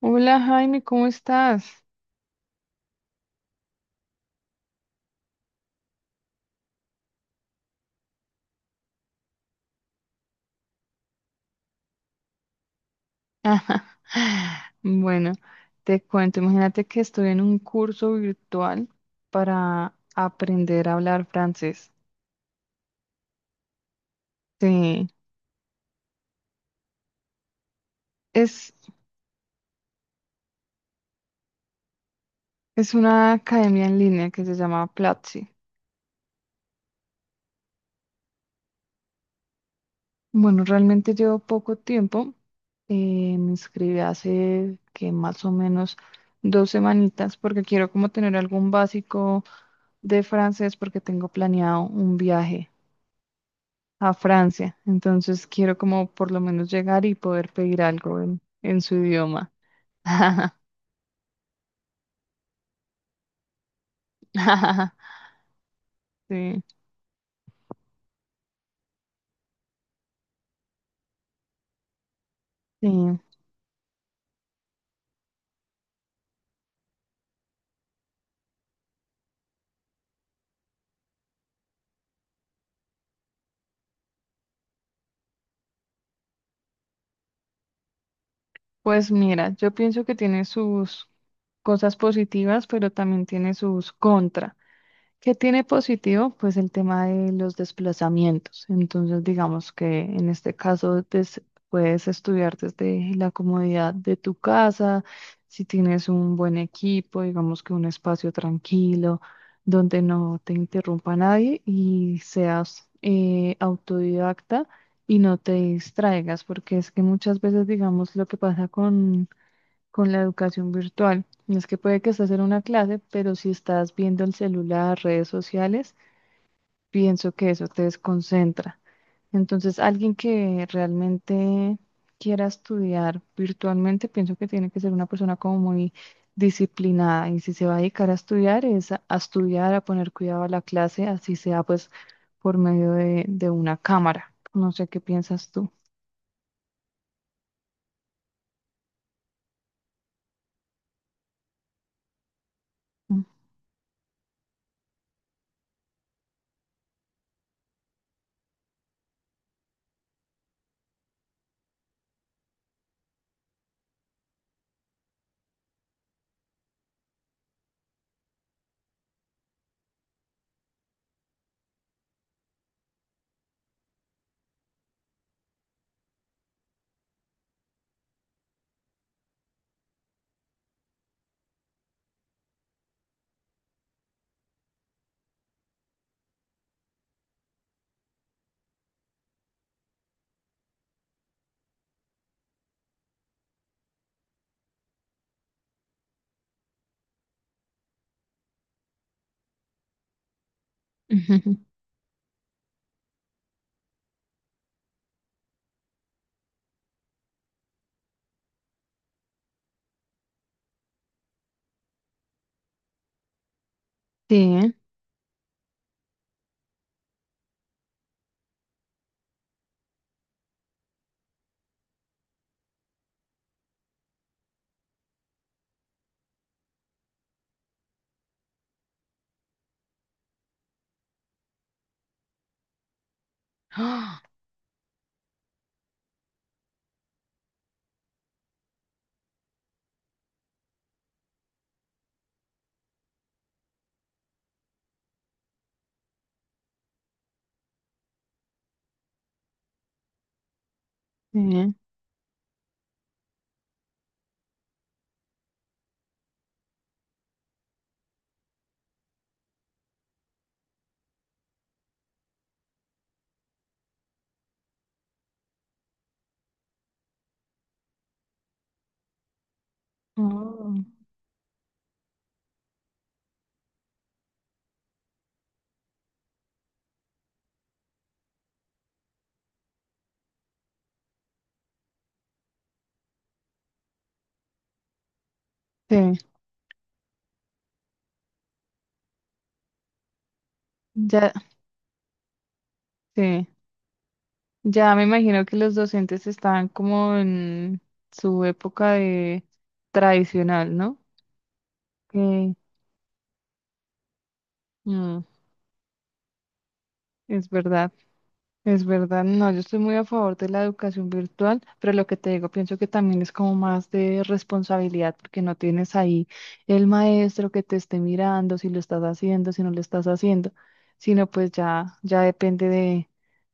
Hola Jaime, ¿cómo estás? Bueno, te cuento, imagínate que estoy en un curso virtual para aprender a hablar francés. Sí, es, es una academia en línea que se llama Platzi. Bueno, realmente llevo poco tiempo. Me inscribí hace que más o menos dos semanitas porque quiero como tener algún básico de francés porque tengo planeado un viaje a Francia. Entonces quiero como por lo menos llegar y poder pedir algo en su idioma. Sí, sí. Pues mira, yo pienso que tiene sus cosas positivas, pero también tiene sus contras. ¿Qué tiene positivo? Pues el tema de los desplazamientos. Entonces, digamos que en este caso puedes estudiar desde la comodidad de tu casa, si tienes un buen equipo, digamos que un espacio tranquilo, donde no te interrumpa nadie y seas autodidacta y no te distraigas, porque es que muchas veces, digamos, lo que pasa con la educación virtual. No. Es que puede que estás en una clase, pero si estás viendo el celular, redes sociales, pienso que eso te desconcentra. Entonces, alguien que realmente quiera estudiar virtualmente, pienso que tiene que ser una persona como muy disciplinada y si se va a dedicar a estudiar, es a estudiar, a poner cuidado a la clase, así sea pues por medio de una cámara. No sé qué piensas tú. Mm. Ujú. Sí. Ah. Sí. Oh, sí. Ya, sí, ya me imagino que los docentes están como en su época de tradicional, ¿no? Que mm, es verdad. Es verdad, no, yo estoy muy a favor de la educación virtual, pero lo que te digo, pienso que también es como más de responsabilidad, porque no tienes ahí el maestro que te esté mirando si lo estás haciendo, si no lo estás haciendo, sino pues ya, ya depende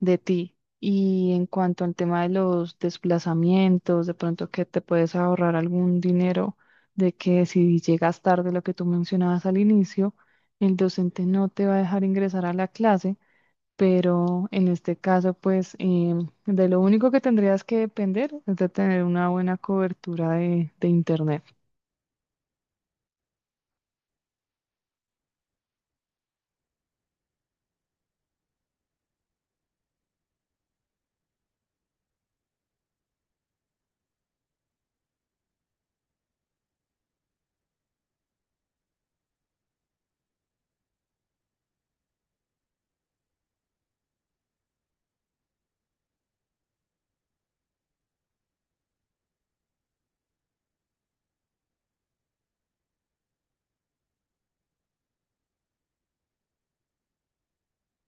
de ti. Y en cuanto al tema de los desplazamientos, de pronto que te puedes ahorrar algún dinero, de que si llegas tarde, lo que tú mencionabas al inicio, el docente no te va a dejar ingresar a la clase, pero en este caso, pues de lo único que tendrías que depender es de tener una buena cobertura de internet.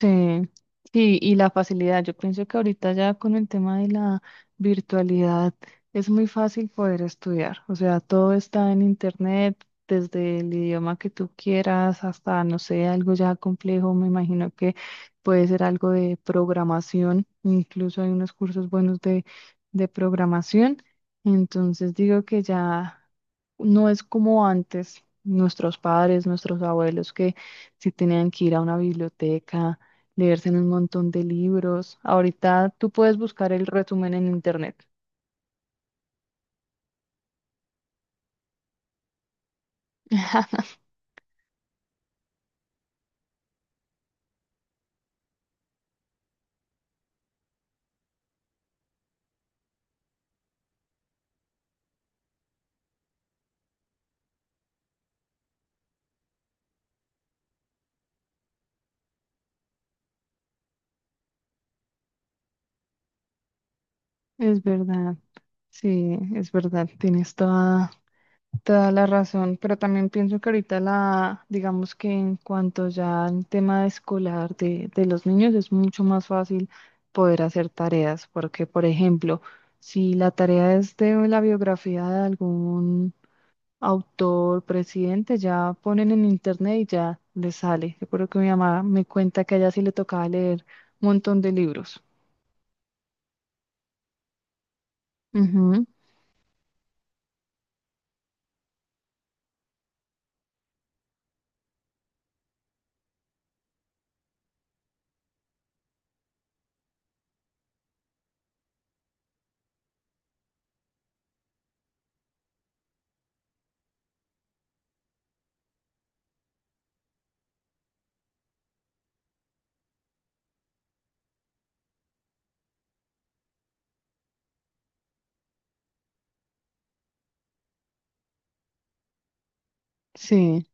Sí, sí, y la facilidad. Yo pienso que ahorita ya con el tema de la virtualidad es muy fácil poder estudiar. O sea, todo está en internet, desde el idioma que tú quieras hasta, no sé, algo ya complejo. Me imagino que puede ser algo de programación. Incluso hay unos cursos buenos de programación. Entonces digo que ya no es como antes, nuestros padres, nuestros abuelos que si tenían que ir a una biblioteca leerse en un montón de libros. Ahorita tú puedes buscar el resumen en internet. Es verdad, sí, es verdad, tienes toda, toda la razón, pero también pienso que ahorita la, digamos que en cuanto ya al tema escolar de los niños es mucho más fácil poder hacer tareas, porque por ejemplo, si la tarea es de la biografía de algún autor, presidente, ya ponen en internet y ya les sale. Recuerdo que mi mamá me cuenta que a ella sí le tocaba leer un montón de libros. Ujú. Sí.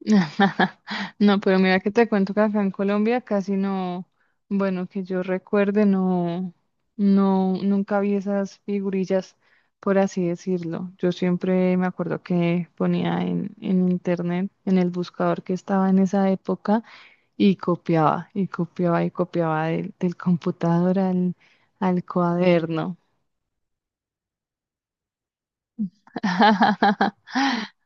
No, pero mira que te cuento que acá en Colombia casi no, bueno, que yo recuerde, no, no, nunca vi esas figurillas, por así decirlo. Yo siempre me acuerdo que ponía en internet, en el buscador que estaba en esa época, y copiaba, y copiaba, y copiaba del computador al cuaderno.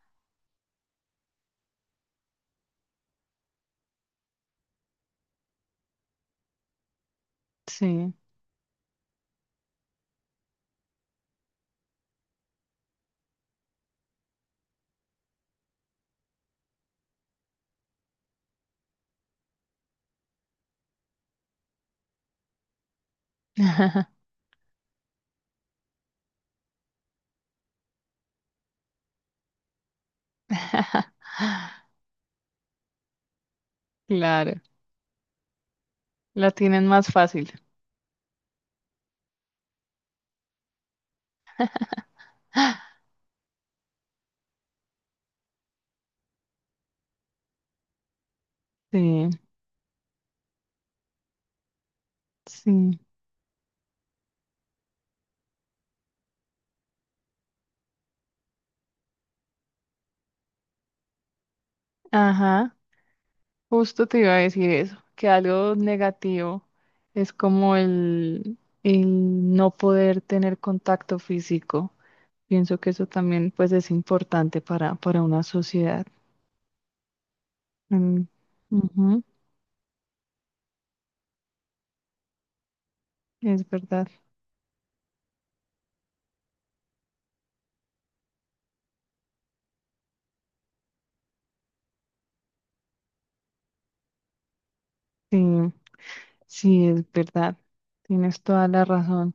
Sí. Claro, la tienen más fácil. Sí, sí, ajá, justo te iba a decir eso, que algo negativo es como el no poder tener contacto físico. Pienso que eso también pues es importante para una sociedad. Mm, ujú, es verdad, sí, sí, es verdad, tienes toda la razón,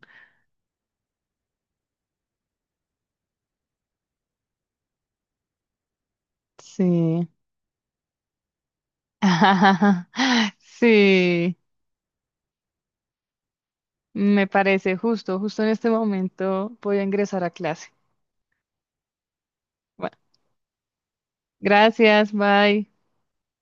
sí, sí, me parece justo, justo en este momento voy a ingresar a clase. Gracias, bye.